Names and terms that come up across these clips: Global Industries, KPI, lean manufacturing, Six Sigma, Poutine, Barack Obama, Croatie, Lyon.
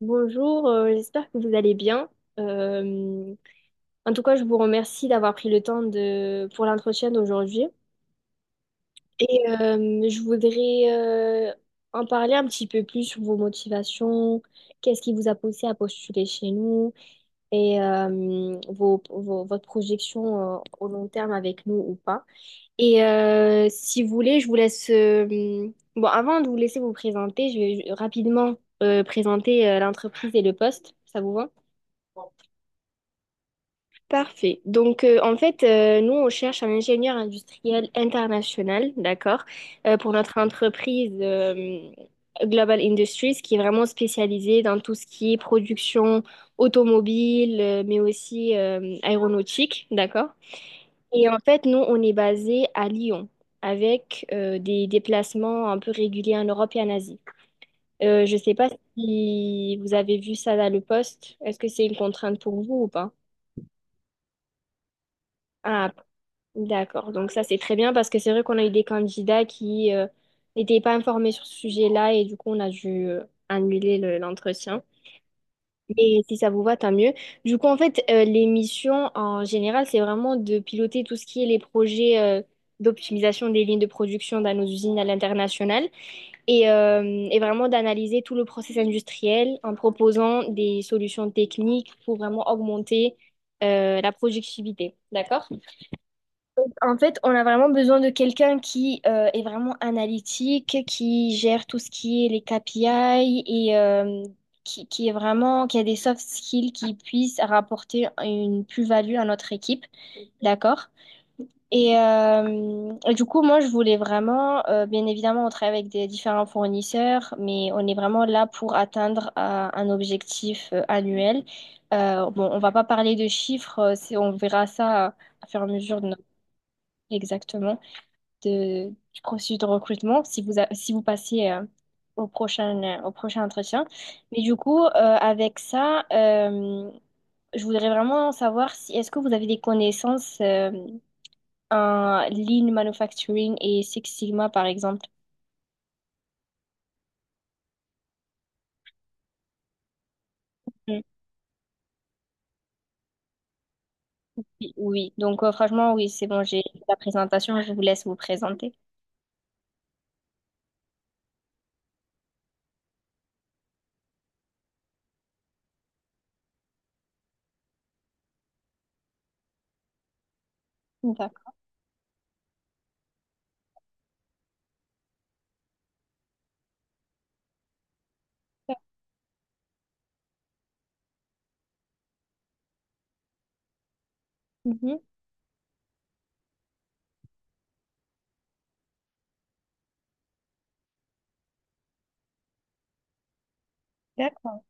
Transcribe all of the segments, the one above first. Bonjour, j'espère que vous allez bien. Euh, En tout cas, je vous remercie d'avoir pris le temps de, pour l'entretien d'aujourd'hui. Et je voudrais en parler un petit peu plus sur vos motivations, qu'est-ce qui vous a poussé à postuler chez nous et votre projection au long terme avec nous ou pas. Et si vous voulez, je vous laisse... bon, avant de vous laisser vous présenter, je vais rapidement présenter l'entreprise et le poste. Ça vous va? Parfait. Donc, en fait, nous, on cherche un ingénieur industriel international, d'accord, pour notre entreprise Global Industries, qui est vraiment spécialisée dans tout ce qui est production automobile, mais aussi aéronautique, d'accord. Et en fait, nous, on est basé à Lyon, avec des déplacements un peu réguliers en Europe et en Asie. Je ne sais pas si vous avez vu ça dans le poste. Est-ce que c'est une contrainte pour vous ou pas? Ah, d'accord, donc ça c'est très bien parce que c'est vrai qu'on a eu des candidats qui n'étaient pas informés sur ce sujet-là et du coup on a dû annuler l'entretien. Mais si ça vous va, tant mieux. Du coup, en fait, les missions en général, c'est vraiment de piloter tout ce qui est les projets d'optimisation des lignes de production dans nos usines à l'international et vraiment d'analyser tout le process industriel en proposant des solutions techniques pour vraiment augmenter la productivité. D'accord? En fait, on a vraiment besoin de quelqu'un qui est vraiment analytique, qui gère tout ce qui est les KPI et qui est vraiment, qui a des soft skills qui puissent rapporter une plus-value à notre équipe, d'accord? Et du coup, moi, je voulais vraiment, bien évidemment, on travaille avec des différents fournisseurs, mais on est vraiment là pour atteindre un objectif annuel. Bon, on va pas parler de chiffres, c'est, on verra ça à fur et à mesure de notre... Exactement de, du processus de recrutement si vous, si vous passez au prochain entretien. Mais du coup, avec ça, je voudrais vraiment savoir si est-ce que vous avez des connaissances en lean manufacturing et Six Sigma, par exemple. Mm. Oui, donc franchement, oui, c'est bon, j'ai la présentation, je vous laisse vous présenter. D'accord. Mhm. D'accord.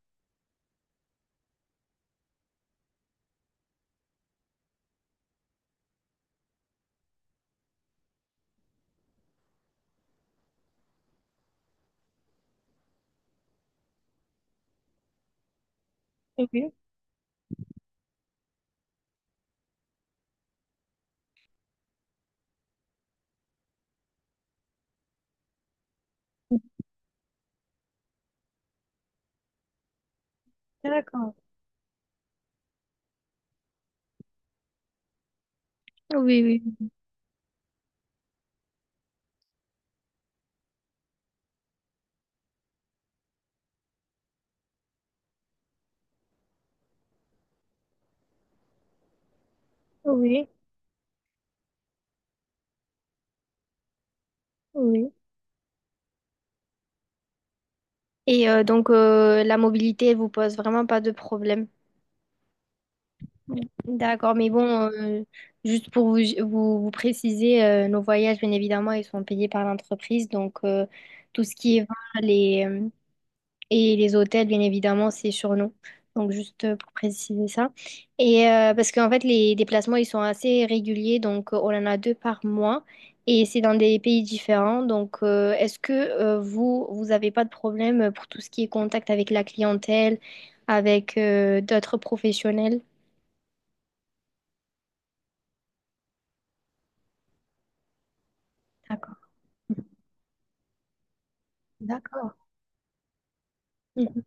Oui. D'accord. Oui, oui, oui, oui. Et donc, la mobilité elle vous pose vraiment pas de problème. D'accord, mais bon, euh, juste pour vous, vous préciser, nos voyages, bien évidemment, ils sont payés par l'entreprise. Donc, tout ce qui est vin les, et les hôtels, bien évidemment, c'est sur nous. Donc, juste pour préciser ça. Et parce qu'en fait, les déplacements, ils sont assez réguliers. Donc, on en a 2 par mois. Et c'est dans des pays différents. Donc, est-ce que vous, vous n'avez pas de problème pour tout ce qui est contact avec la clientèle, avec d'autres professionnels? D'accord. D'accord. Mhm.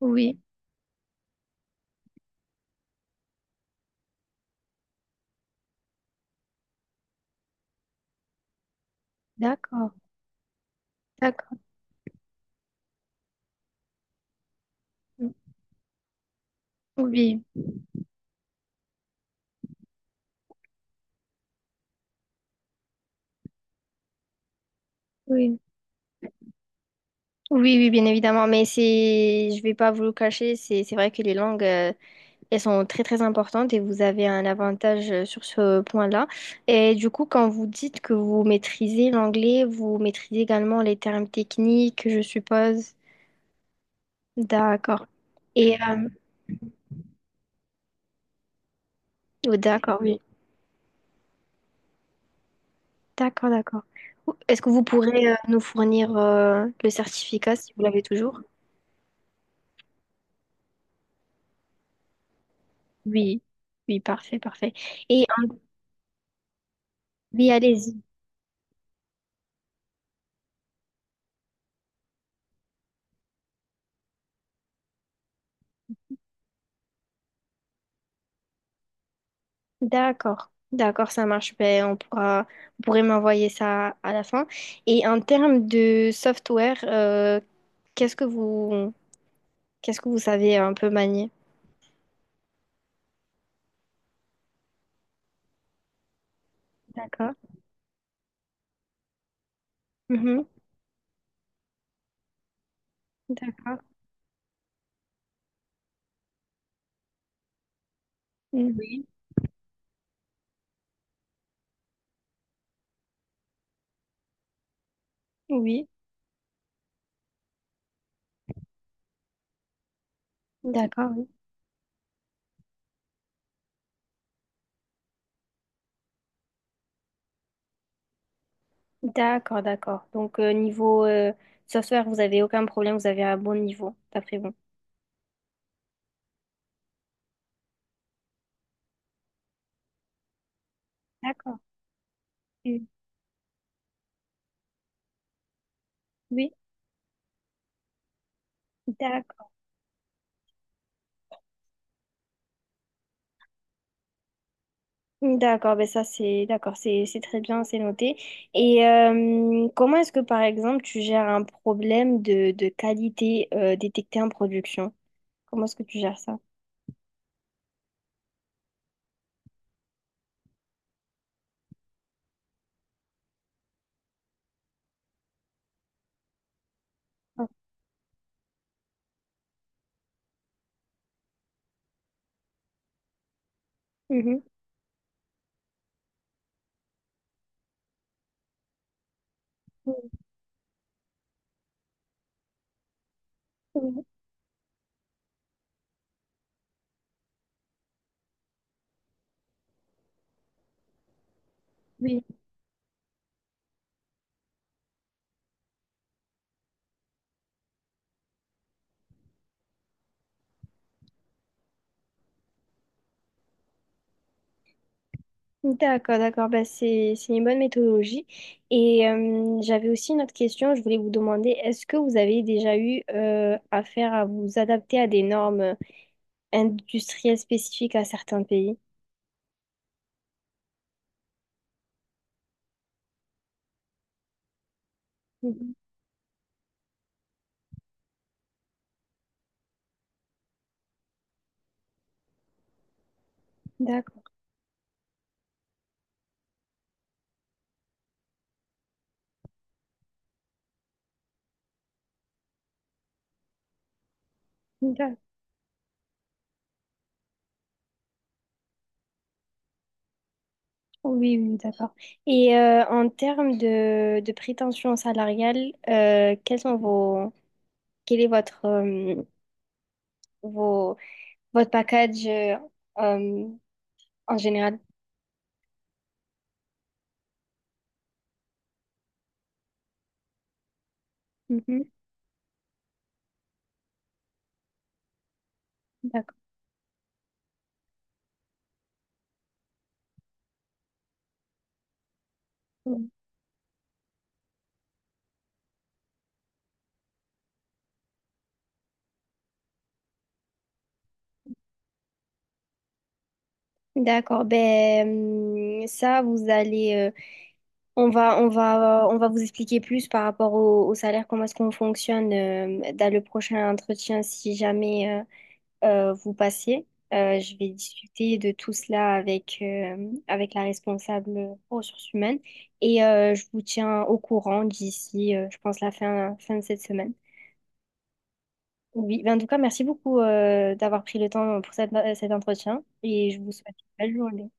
Oui, d'accord, d'accord. Mm. Oui, oui, oui, oui, bien évidemment. Mais c'est, je vais pas vous le cacher, c'est vrai que les langues, elles sont très, très importantes et vous avez un avantage sur ce point-là. Et du coup, quand vous dites que vous maîtrisez l'anglais, vous maîtrisez également les termes techniques, je suppose. D'accord. Et, oh, d'accord, oui. D'accord, d'accord. Est-ce que vous pourrez nous fournir le certificat si vous l'avez toujours? Oui, oui, parfait, parfait. Et oui, allez-y. D'accord, d'accord, ça marche. Ben, on pourra, vous pourrez m'envoyer ça à la fin. Et en termes de software, qu'est-ce que vous, qu'est-ce que vous savez un peu manier? D'accord. Mhm. D'accord. Oui. Oui. D'accord, oui. D'accord, d'accord. Donc, niveau software, vous avez aucun problème, vous avez un bon niveau, d'après vous. D'accord. Oui. Oui. D'accord. D'accord, ben ça c'est d'accord, c'est très bien, c'est noté. Et comment est-ce que par exemple tu gères un problème de qualité détecté en production? Comment est-ce que tu gères ça? Mhm. Oui, d'accord, d'accord. Bah, c'est une bonne méthodologie. Et j'avais aussi une autre question. Je voulais vous demander, est-ce que vous avez déjà eu affaire à vous adapter à des normes industrielles spécifiques à certains pays? Mhm. D'accord. D'accord. Oui, oui, d'accord. Et en termes de prétention salariale, quels sont vos, quel est votre, vos, votre package euh, en général? Mhm. D'accord. D'accord, ben ça vous allez, on va, on va, on va vous expliquer plus par rapport au, au salaire, comment est-ce qu'on fonctionne dans le prochain entretien si jamais vous passez. Je vais discuter de tout cela avec avec la responsable ressources humaines et je vous tiens au courant d'ici, je pense la fin fin de cette semaine. Oui, ben en tout cas merci beaucoup d'avoir pris le temps pour cet entretien et je vous souhaite une belle journée.